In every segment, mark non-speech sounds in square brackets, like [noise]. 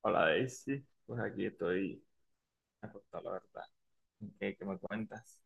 Hola Daisy, pues aquí estoy acostado, la verdad. ¿Qué me cuentas?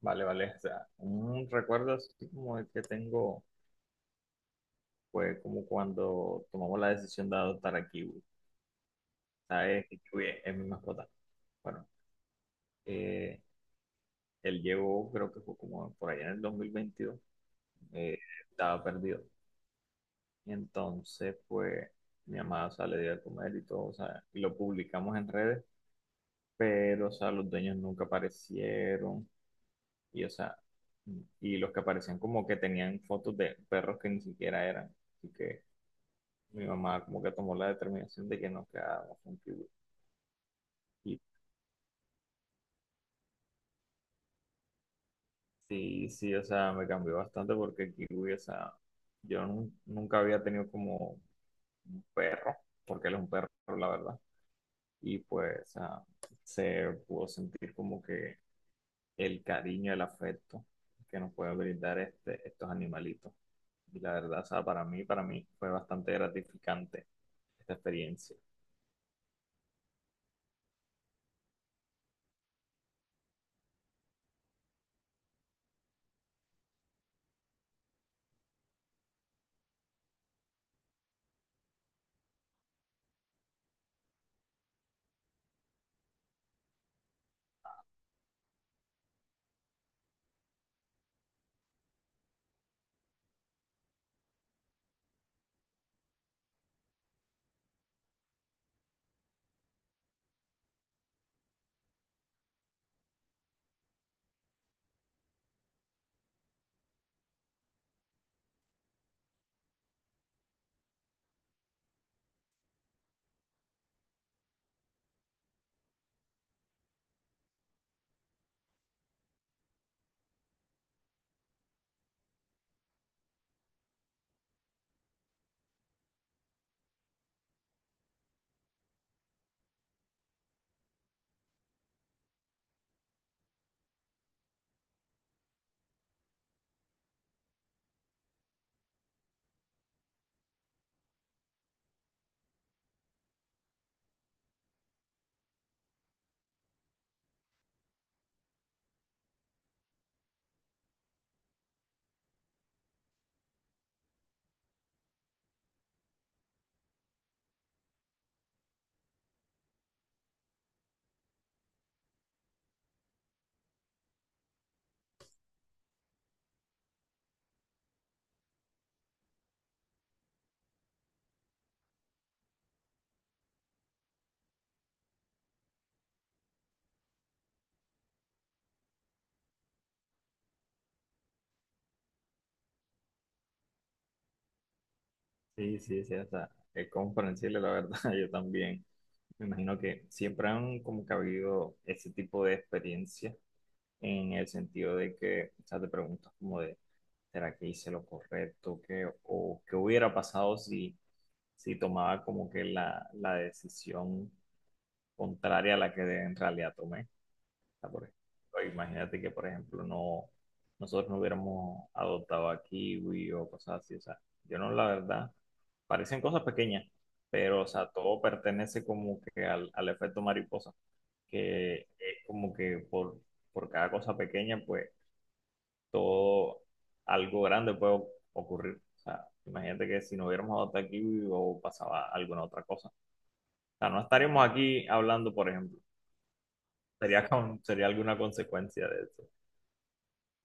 Vale, vale, o sea, un recuerdo así como el que tengo fue como cuando tomamos la decisión de adoptar a Kiwi, ¿sabes? Que Kiwi es mi mascota. Bueno, eh, él llegó, creo que fue como por allá en el 2022. eh, Estaba perdido. Y entonces, pues, mi mamá, o sea, le dio de comer y todo, o sea, y lo publicamos en redes, pero, o sea, los dueños nunca aparecieron. Y, o sea, y los que aparecían como que tenían fotos de perros que ni siquiera eran. Así que mi mamá como que tomó la determinación de que nos quedábamos con Kiwi. Y sí, sí, o sea, me cambió bastante porque Kiwi, o sea, nunca había tenido como un perro, porque él es un perro, la verdad. Y pues, o sea, se pudo sentir como que el cariño, el afecto que nos puede brindar estos animalitos. Y la verdad, o sea, para mí fue bastante gratificante esta experiencia. Sí, sí, sí, o sea, es comprensible, la verdad, [laughs] yo también. Me imagino que siempre han como que habido ese tipo de experiencias en el sentido de que, o sea, te preguntas como de, ¿será que hice lo correcto? ¿Qué, o qué hubiera pasado si, si tomaba como que la decisión contraria a la que en realidad tomé? O sea, por ejemplo, imagínate que, por ejemplo, no, nosotros no hubiéramos adoptado a Kiwi o cosas así. O sea, yo no, la verdad, parecen cosas pequeñas, pero, o sea, todo pertenece como que al efecto mariposa, que es como que por cada cosa pequeña, pues todo algo grande puede ocurrir. O sea, imagínate que si no hubiéramos adoptado a Kiwi o pasaba alguna otra cosa. O sea, no estaríamos aquí hablando, por ejemplo. Sería, sería alguna consecuencia de eso.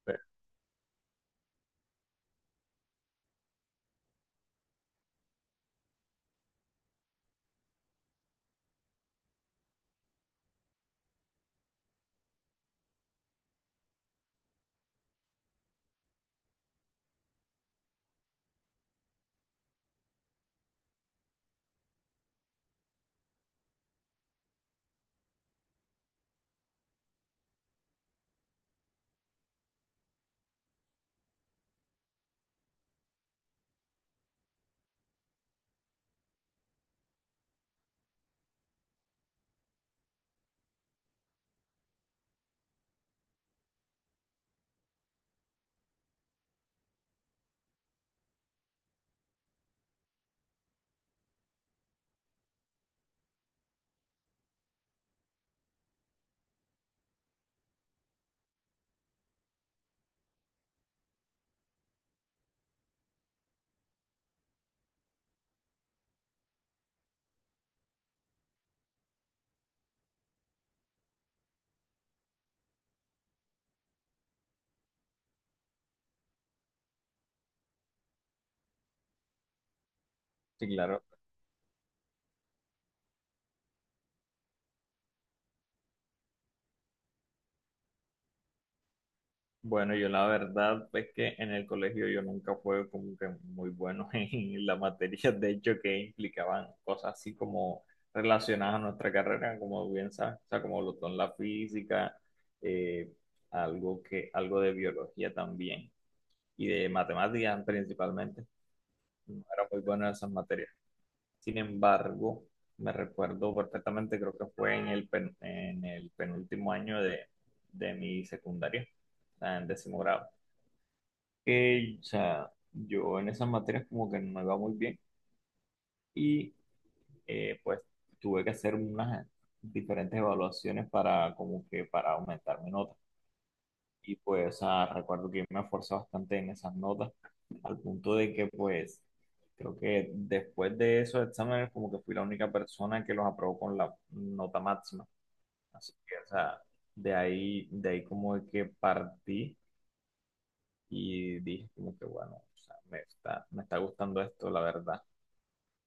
Pero, sí, claro. Bueno, yo la verdad es que en el colegio yo nunca fue como que muy bueno [laughs] en las materias, de hecho, que implicaban cosas así como relacionadas a nuestra carrera, como bien sabes, o sea, como lo son la física, eh, algo que, algo de biología también, y de matemáticas principalmente. No era muy bueno en esas materias. Sin embargo, me recuerdo perfectamente, creo que fue en en el penúltimo año de mi secundaria, o sea, en décimo grado, que o sea, yo en esas materias como que no me iba muy bien y pues tuve que hacer unas diferentes evaluaciones para como que para aumentar mi nota. Y pues recuerdo que yo me esforcé bastante en esas notas, al punto de que pues creo que después de esos exámenes como que fui la única persona que los aprobó con la nota máxima. Así que, o sea, de ahí como de que partí y dije como que bueno, o sea, me está gustando esto, la verdad.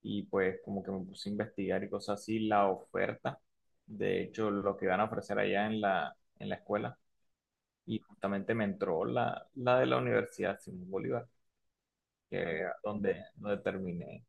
Y pues como que me puse a investigar y cosas así, la oferta, de hecho, lo que van a ofrecer allá en en la escuela y justamente me entró la de la Universidad Simón Bolívar, que donde terminé.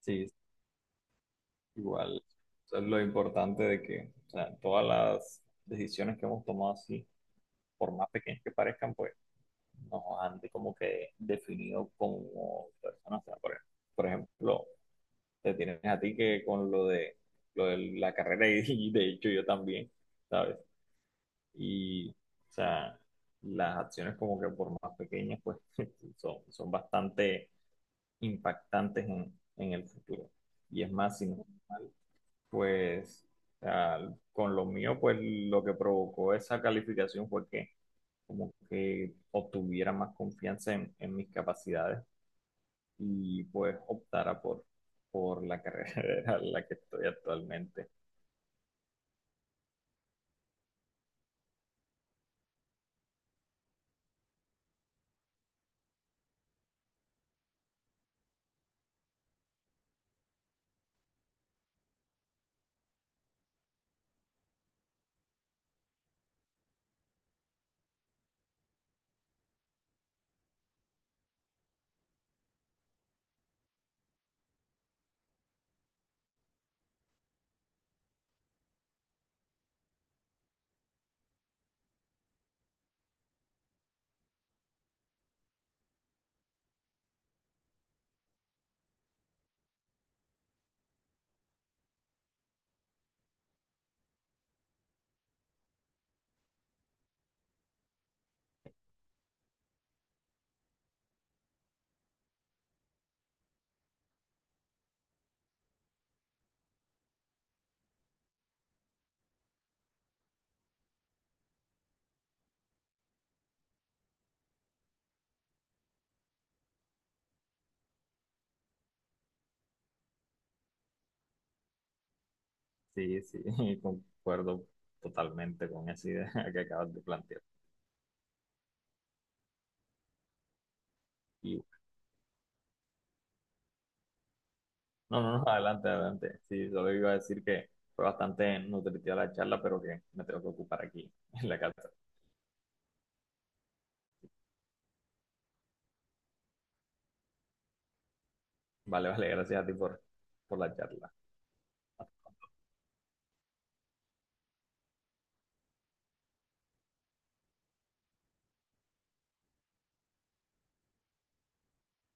Sí, igual, eso es lo importante de que o sea, todas las decisiones que hemos tomado así, por más pequeñas que parezcan, pues como que definido como personas. O sea, por ejemplo, te tienes a ti que con lo de la carrera y, [laughs] y de hecho yo también. ¿Sabes? Y, o sea, las acciones como que por más pequeñas, pues [laughs] son bastante impactantes en el futuro. Y es más, si no estoy mal, pues con lo mío, pues lo que provocó esa calificación fue que como que obtuviera más confianza en mis capacidades y pues optara por la carrera [laughs] en la que estoy actualmente. Sí, sí, [laughs] concuerdo totalmente con esa idea [laughs] que acabas de plantear. Y no, no, no, adelante, adelante. Sí, solo iba a decir que fue bastante nutritiva la charla, pero que me tengo que ocupar aquí en la casa. Vale, vale, gracias a ti por la charla.